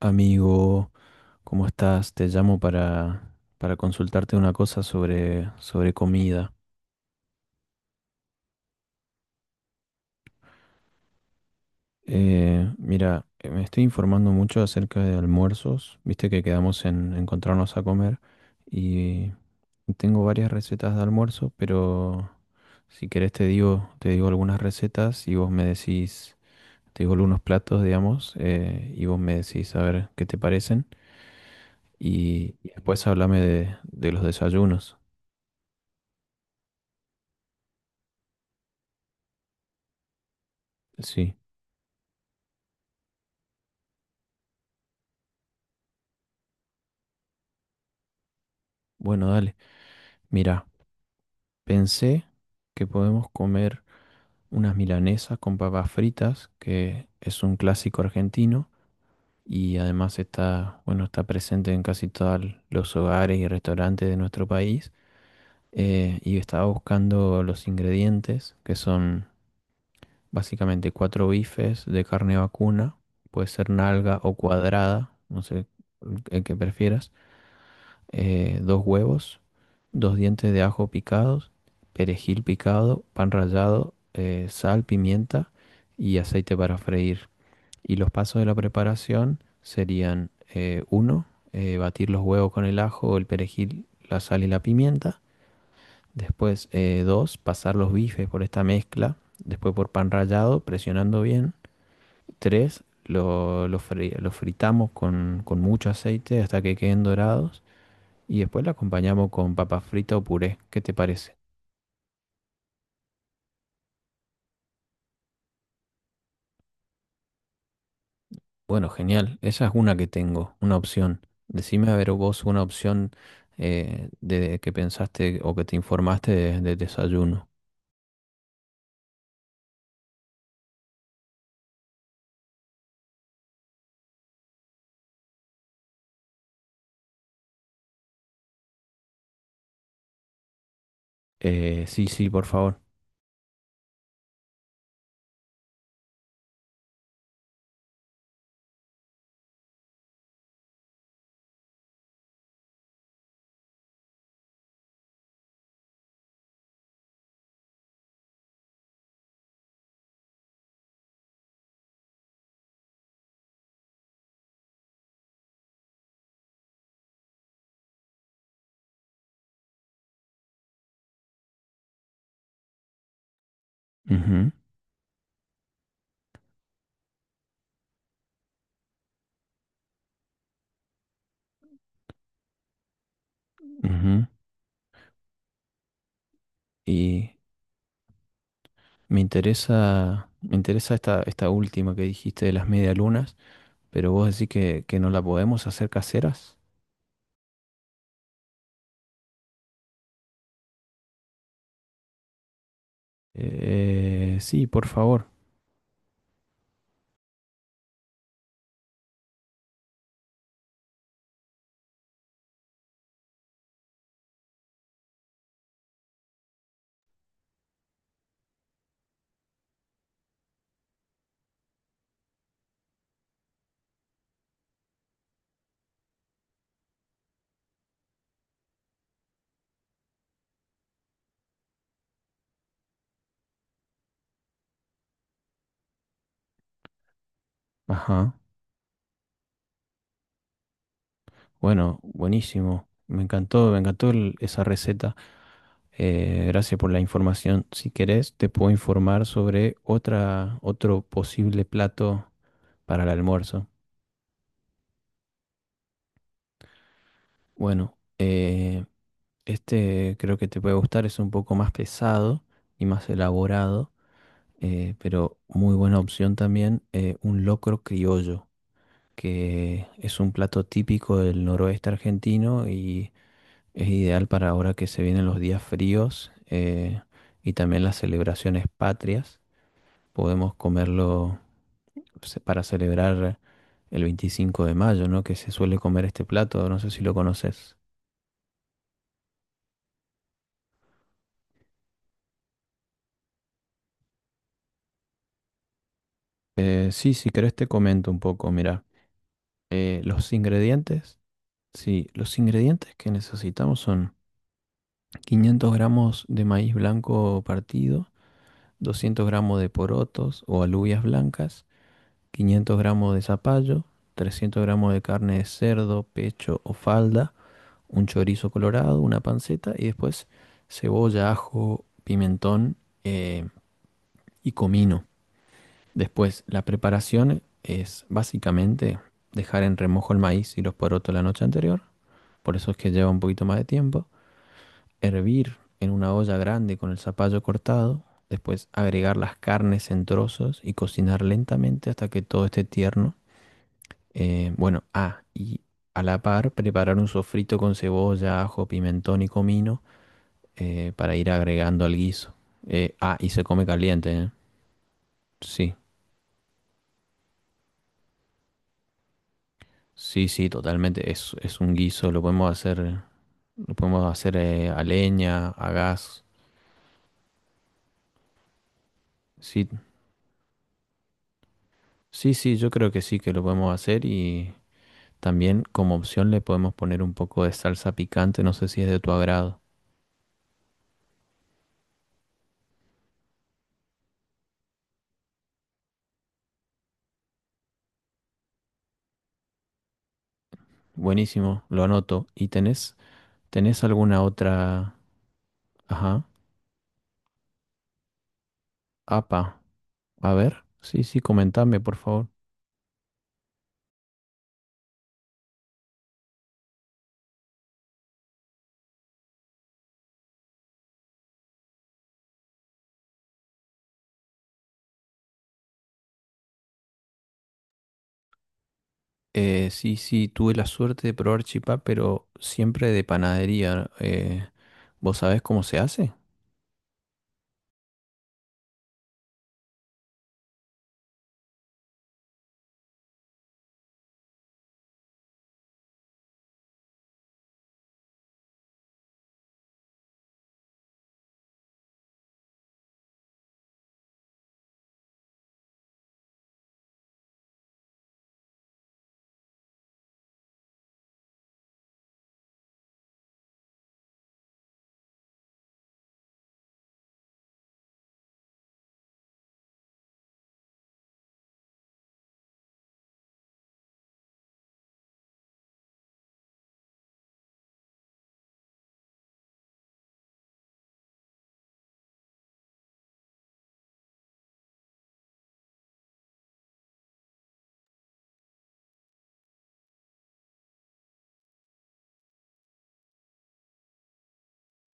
Amigo, ¿cómo estás? Te llamo para consultarte una cosa sobre comida. Mira, me estoy informando mucho acerca de almuerzos. Viste que quedamos en encontrarnos a comer y tengo varias recetas de almuerzo, pero si querés te digo algunas recetas y vos me decís, te digo algunos platos, digamos, y vos me decís a ver qué te parecen y después háblame de los desayunos. Sí, bueno, dale. Mira, pensé que podemos comer unas milanesas con papas fritas, que es un clásico argentino y además está, bueno, está presente en casi todos los hogares y restaurantes de nuestro país. Y estaba buscando los ingredientes, que son básicamente cuatro bifes de carne vacuna, puede ser nalga o cuadrada, no sé el que prefieras, dos huevos, dos dientes de ajo picados, perejil picado, pan rallado, sal, pimienta y aceite para freír. Y los pasos de la preparación serían, uno, batir los huevos con el ajo, el perejil, la sal y la pimienta. Después, dos, pasar los bifes por esta mezcla. Después por pan rallado, presionando bien. Tres, lo fritamos con mucho aceite hasta que queden dorados. Y después la acompañamos con papa frita o puré. ¿Qué te parece? Bueno, genial. Esa es una que tengo, una opción. Decime a ver vos una opción, de que pensaste o que te informaste de desayuno. Sí, sí, por favor. Ujú, ujú. Y me interesa esta última que dijiste de las medialunas, pero vos decís que no la podemos hacer caseras. Sí, por favor. Ajá. Bueno, buenísimo. Me encantó esa receta. Gracias por la información. Si querés, te puedo informar sobre otro posible plato para el almuerzo. Bueno, este creo que te puede gustar, es un poco más pesado y más elaborado, pero muy buena opción también, un locro criollo, que es un plato típico del noroeste argentino. Es ideal para ahora que se vienen los días fríos, y también las celebraciones patrias. Podemos comerlo, para celebrar el 25 de mayo, ¿no? Que se suele comer este plato, no sé si lo conoces. Sí, si querés te comento un poco, mira. Los ingredientes, sí, los ingredientes que necesitamos son 500 gramos de maíz blanco partido, 200 gramos de porotos o alubias blancas, 500 gramos de zapallo, 300 gramos de carne de cerdo, pecho o falda, un chorizo colorado, una panceta y después cebolla, ajo, pimentón, eh, y comino. Después, la preparación es básicamente dejar en remojo el maíz y los porotos la noche anterior, por eso es que lleva un poquito más de tiempo, hervir en una olla grande con el zapallo cortado, después agregar las carnes en trozos y cocinar lentamente hasta que todo esté tierno. Bueno, y a la par preparar un sofrito con cebolla, ajo, pimentón y comino, para ir agregando al guiso. Y se come caliente, ¿eh? Sí, sí, sí, totalmente. Es un guiso, lo podemos hacer a leña, a gas. Sí, sí, sí, yo creo que sí que lo podemos hacer y también como opción le podemos poner un poco de salsa picante, no sé si es de tu agrado. Buenísimo, lo anoto. ¿Y tenés alguna otra? Ajá. Apa, a ver, sí, sí, comentame, por favor. Sí, sí, tuve la suerte de probar chipá, pero siempre de panadería. ¿Vos sabés cómo se hace?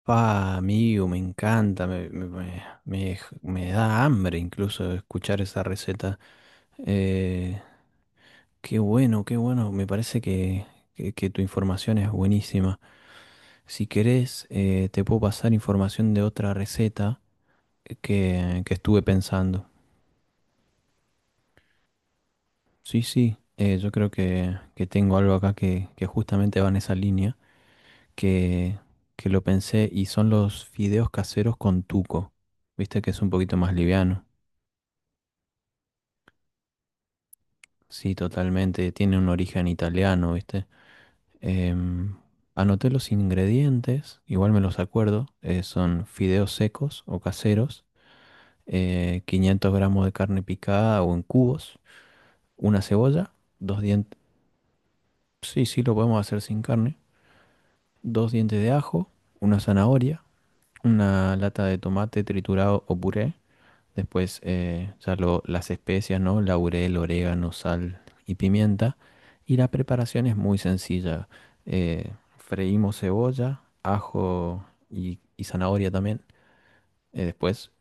Pa, amigo, me encanta, me da hambre incluso escuchar esa receta. Eh, Qué bueno, qué bueno, me parece que, que tu información es buenísima. Si querés, te puedo pasar información de otra receta que estuve pensando. Sí, sí, yo creo que tengo algo acá que justamente va en esa línea, que, que lo pensé y son los fideos caseros con tuco. Viste que es un poquito más liviano. Sí, totalmente, tiene un origen italiano, ¿viste? Em, Anoté los ingredientes, igual me los acuerdo, son fideos secos o caseros, 500 gramos de carne picada o en cubos, una cebolla, dos dientes. Sí, sí, lo podemos hacer sin carne. Dos dientes de ajo, una zanahoria, una lata de tomate triturado o puré. Después, las especias, ¿no? Laurel, orégano, sal y pimienta. Y la preparación es muy sencilla. Freímos cebolla, ajo y zanahoria también. Después,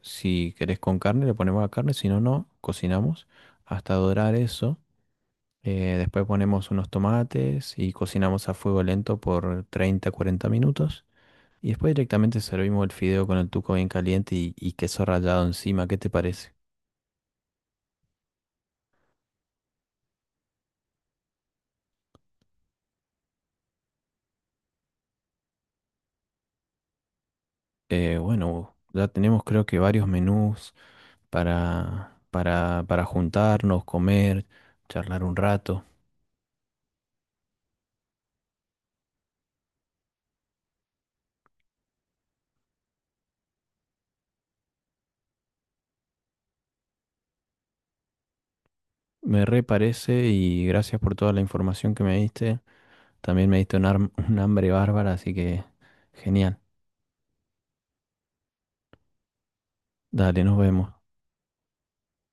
si querés con carne, le ponemos la carne. Si no, no, cocinamos hasta dorar eso. Después ponemos unos tomates y cocinamos a fuego lento por 30 cuarenta minutos. Y después directamente servimos el fideo con el tuco bien caliente y queso rallado encima. ¿Qué te parece? Bueno, ya tenemos creo que varios menús para juntarnos, comer, charlar un rato. Me re parece y gracias por toda la información que me diste. También me diste un hambre bárbara, así que genial. Dale, nos vemos.